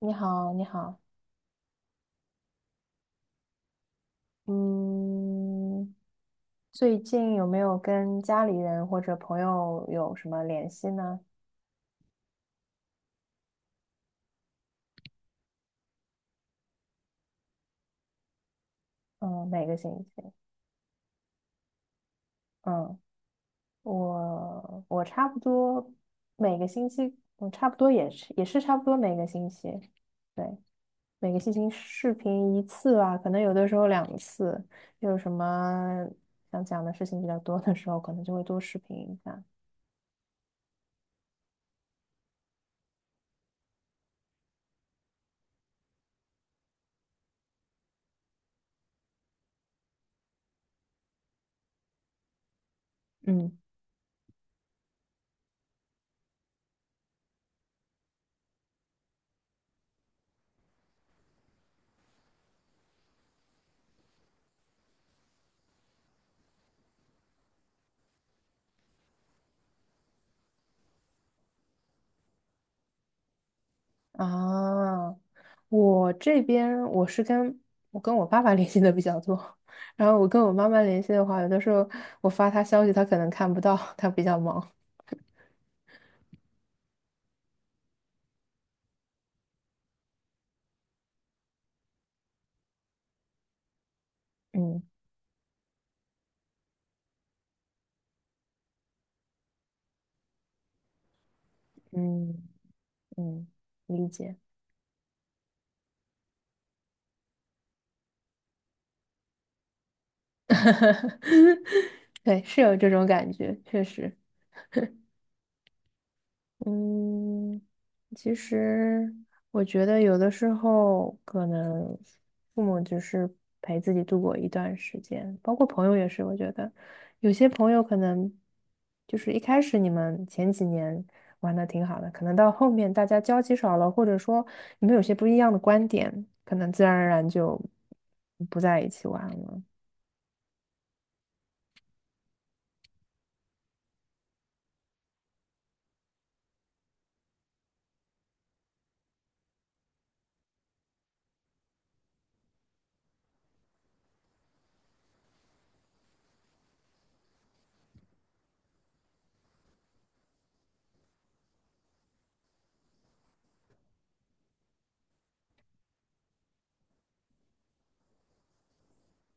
你好，你好。嗯，最近有没有跟家里人或者朋友有什么联系呢？嗯，每个星期，嗯，我差不多每个星期，我差不多也是差不多每个星期，对，每个星期视频一次吧，可能有的时候两次，有什么想讲的事情比较多的时候，可能就会多视频一下。嗯。啊，我这边我跟我爸爸 联系的比较多，然后我跟我妈妈联系的话，有的时候我发她消息，她可能看不到，她比较忙。嗯嗯嗯，理解。对，是有这种感觉，确实。嗯，其实我觉得有的时候可能父母只是陪自己度过一段时间，包括朋友也是。我觉得有些朋友可能就是一开始你们前几年玩的挺好的，可能到后面大家交集少了，或者说你们有些不一样的观点，可能自然而然就不在一起玩了。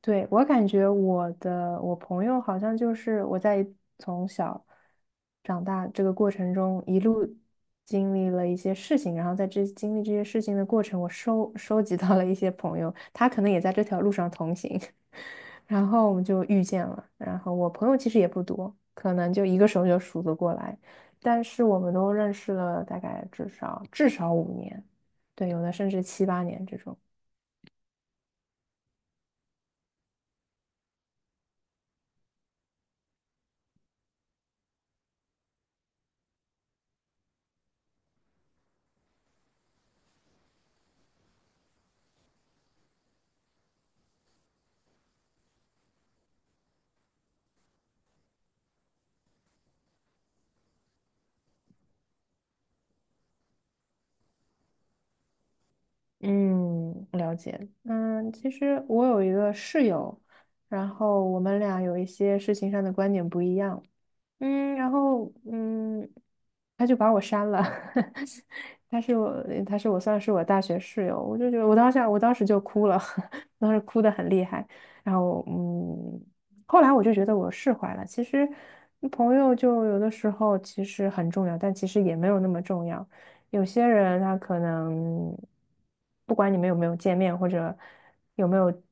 对，我感觉我朋友好像就是我在从小长大这个过程中一路经历了一些事情，然后在这经历这些事情的过程，我收集到了一些朋友，他可能也在这条路上同行，然后我们就遇见了。然后我朋友其实也不多，可能就一个手就数得过来，但是我们都认识了大概至少五年，对，有的甚至七八年这种。嗯，了解。嗯，其实我有一个室友，然后我们俩有一些事情上的观点不一样。嗯，然后嗯，他就把我删了。他是我算是我大学室友，我就觉得我当时就哭了，当时哭得很厉害。然后嗯，后来我就觉得我释怀了。其实朋友就有的时候其实很重要，但其实也没有那么重要。有些人他可能不管你们有没有见面，或者。有没有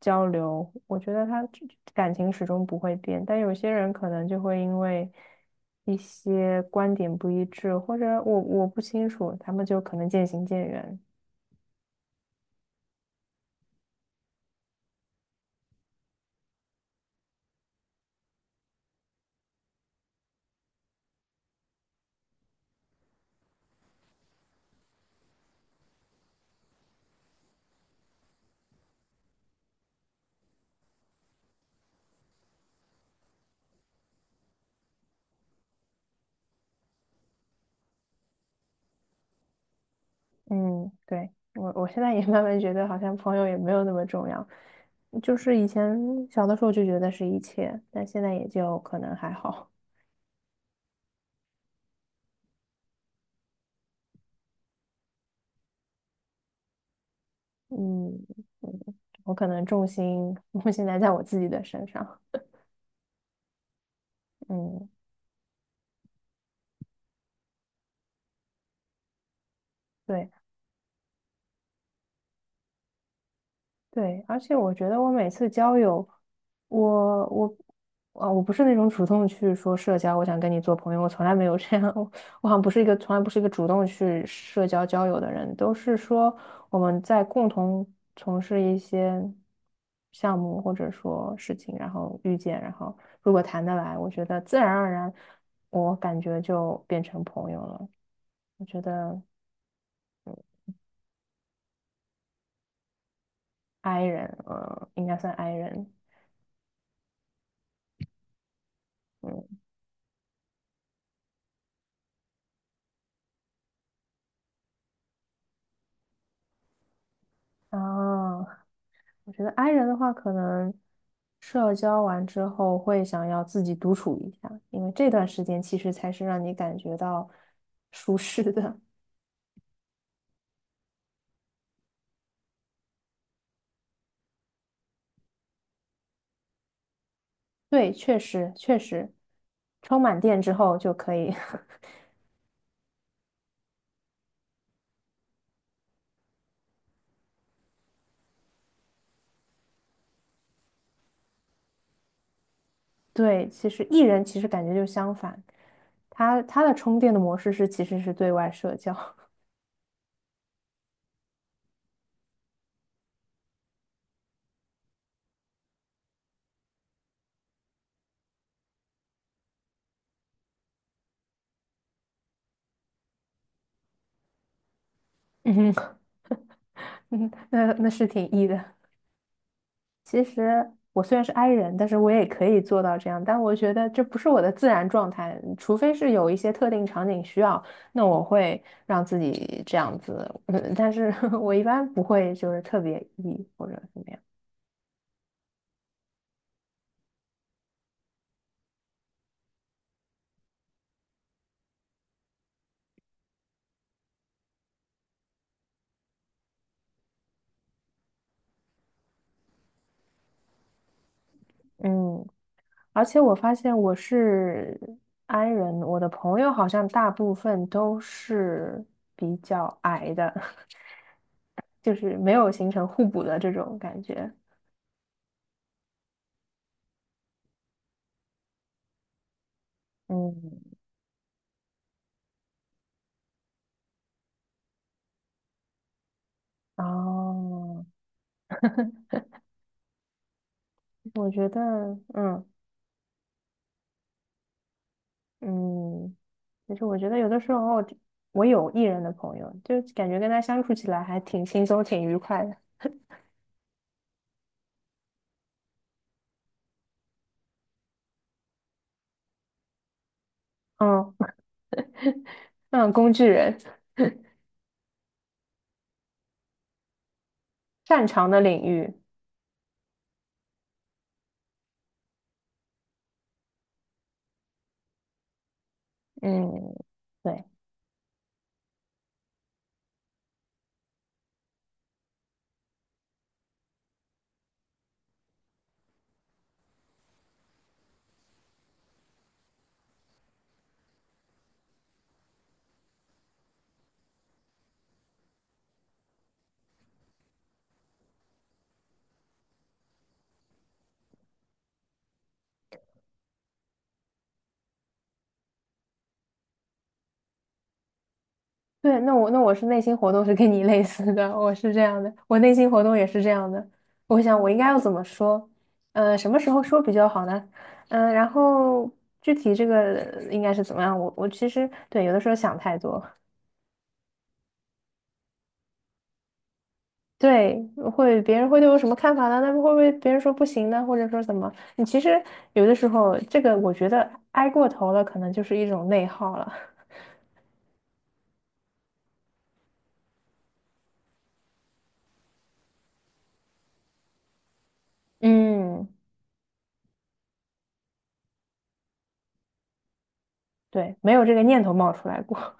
交流，我觉得他感情始终不会变。但有些人可能就会因为一些观点不一致，或者我不清楚，他们就可能渐行渐远。嗯，对，我现在也慢慢觉得好像朋友也没有那么重要，就是以前小的时候就觉得是一切，但现在也就可能还好。嗯。嗯，我可能重心 现在在我自己的身上。嗯。对。对，而且我觉得我每次交友，我我啊，我不是那种主动去说社交，我想跟你做朋友，我从来没有这样，我我好像不是一个从来不是一个主动去社交交友的人，都是说我们在共同从事一些项目或者说事情，然后遇见，然后如果谈得来，我觉得自然而然，我感觉就变成朋友了。我觉得 I 人，嗯，应该算 I 人，嗯。啊，我觉得 i 人的话，可能社交完之后会想要自己独处一下，因为这段时间其实才是让你感觉到舒适的。对，确实，充满电之后就可以。对，其实 E 人其实感觉就相反，他的充电的模式是其实是对外社交。嗯。嗯，那是挺 E 的。其实我虽然是 i 人，但是我也可以做到这样。但我觉得这不是我的自然状态，除非是有一些特定场景需要，那我会让自己这样子。嗯，但是 我一般不会就是特别 E 或者怎么样。嗯，而且我发现我是 i 人，我的朋友好像大部分都是比较矮的，就是没有形成互补的这种感觉。嗯。哦。我觉得，嗯。嗯，其实我觉得有的时候，我有 E 人的朋友，就感觉跟他相处起来还挺轻松、挺愉快的。嗯。嗯，工具人，擅长的领域，嗯，对。对，那我是内心活动是跟你类似的，我是这样的，我内心活动也是这样的。我想我应该要怎么说？什么时候说比较好呢？嗯、然后具体这个应该是怎么样？我我其实对有的时候想太多。对，会别人会对我什么看法呢？那会不会别人说不行呢？或者说怎么？你其实有的时候，这个我觉得挨过头了，可能就是一种内耗了。嗯，对，没有这个念头冒出来过。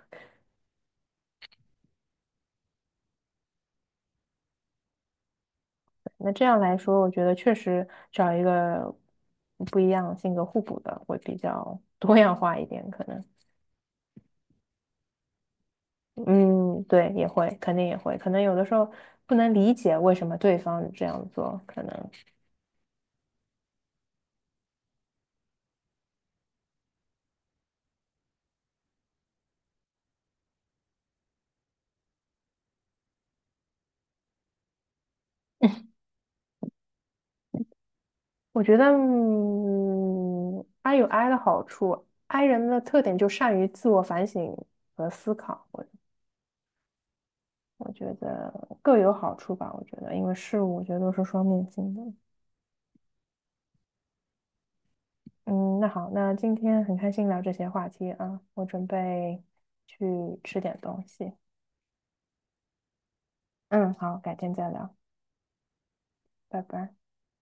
那这样来说，我觉得确实找一个不一样性格互补的会比较多样化一点，可能。嗯，对，也会，肯定也会，可能有的时候不能理解为什么对方这样做，可能。我觉得，嗯，I 有 I 的好处，I 人的特点就善于自我反省和思考，我觉得各有好处吧。我觉得，因为事物我觉得都是双面性的。嗯，那好，那今天很开心聊这些话题啊，我准备去吃点东西。嗯，好，改天再聊，拜拜。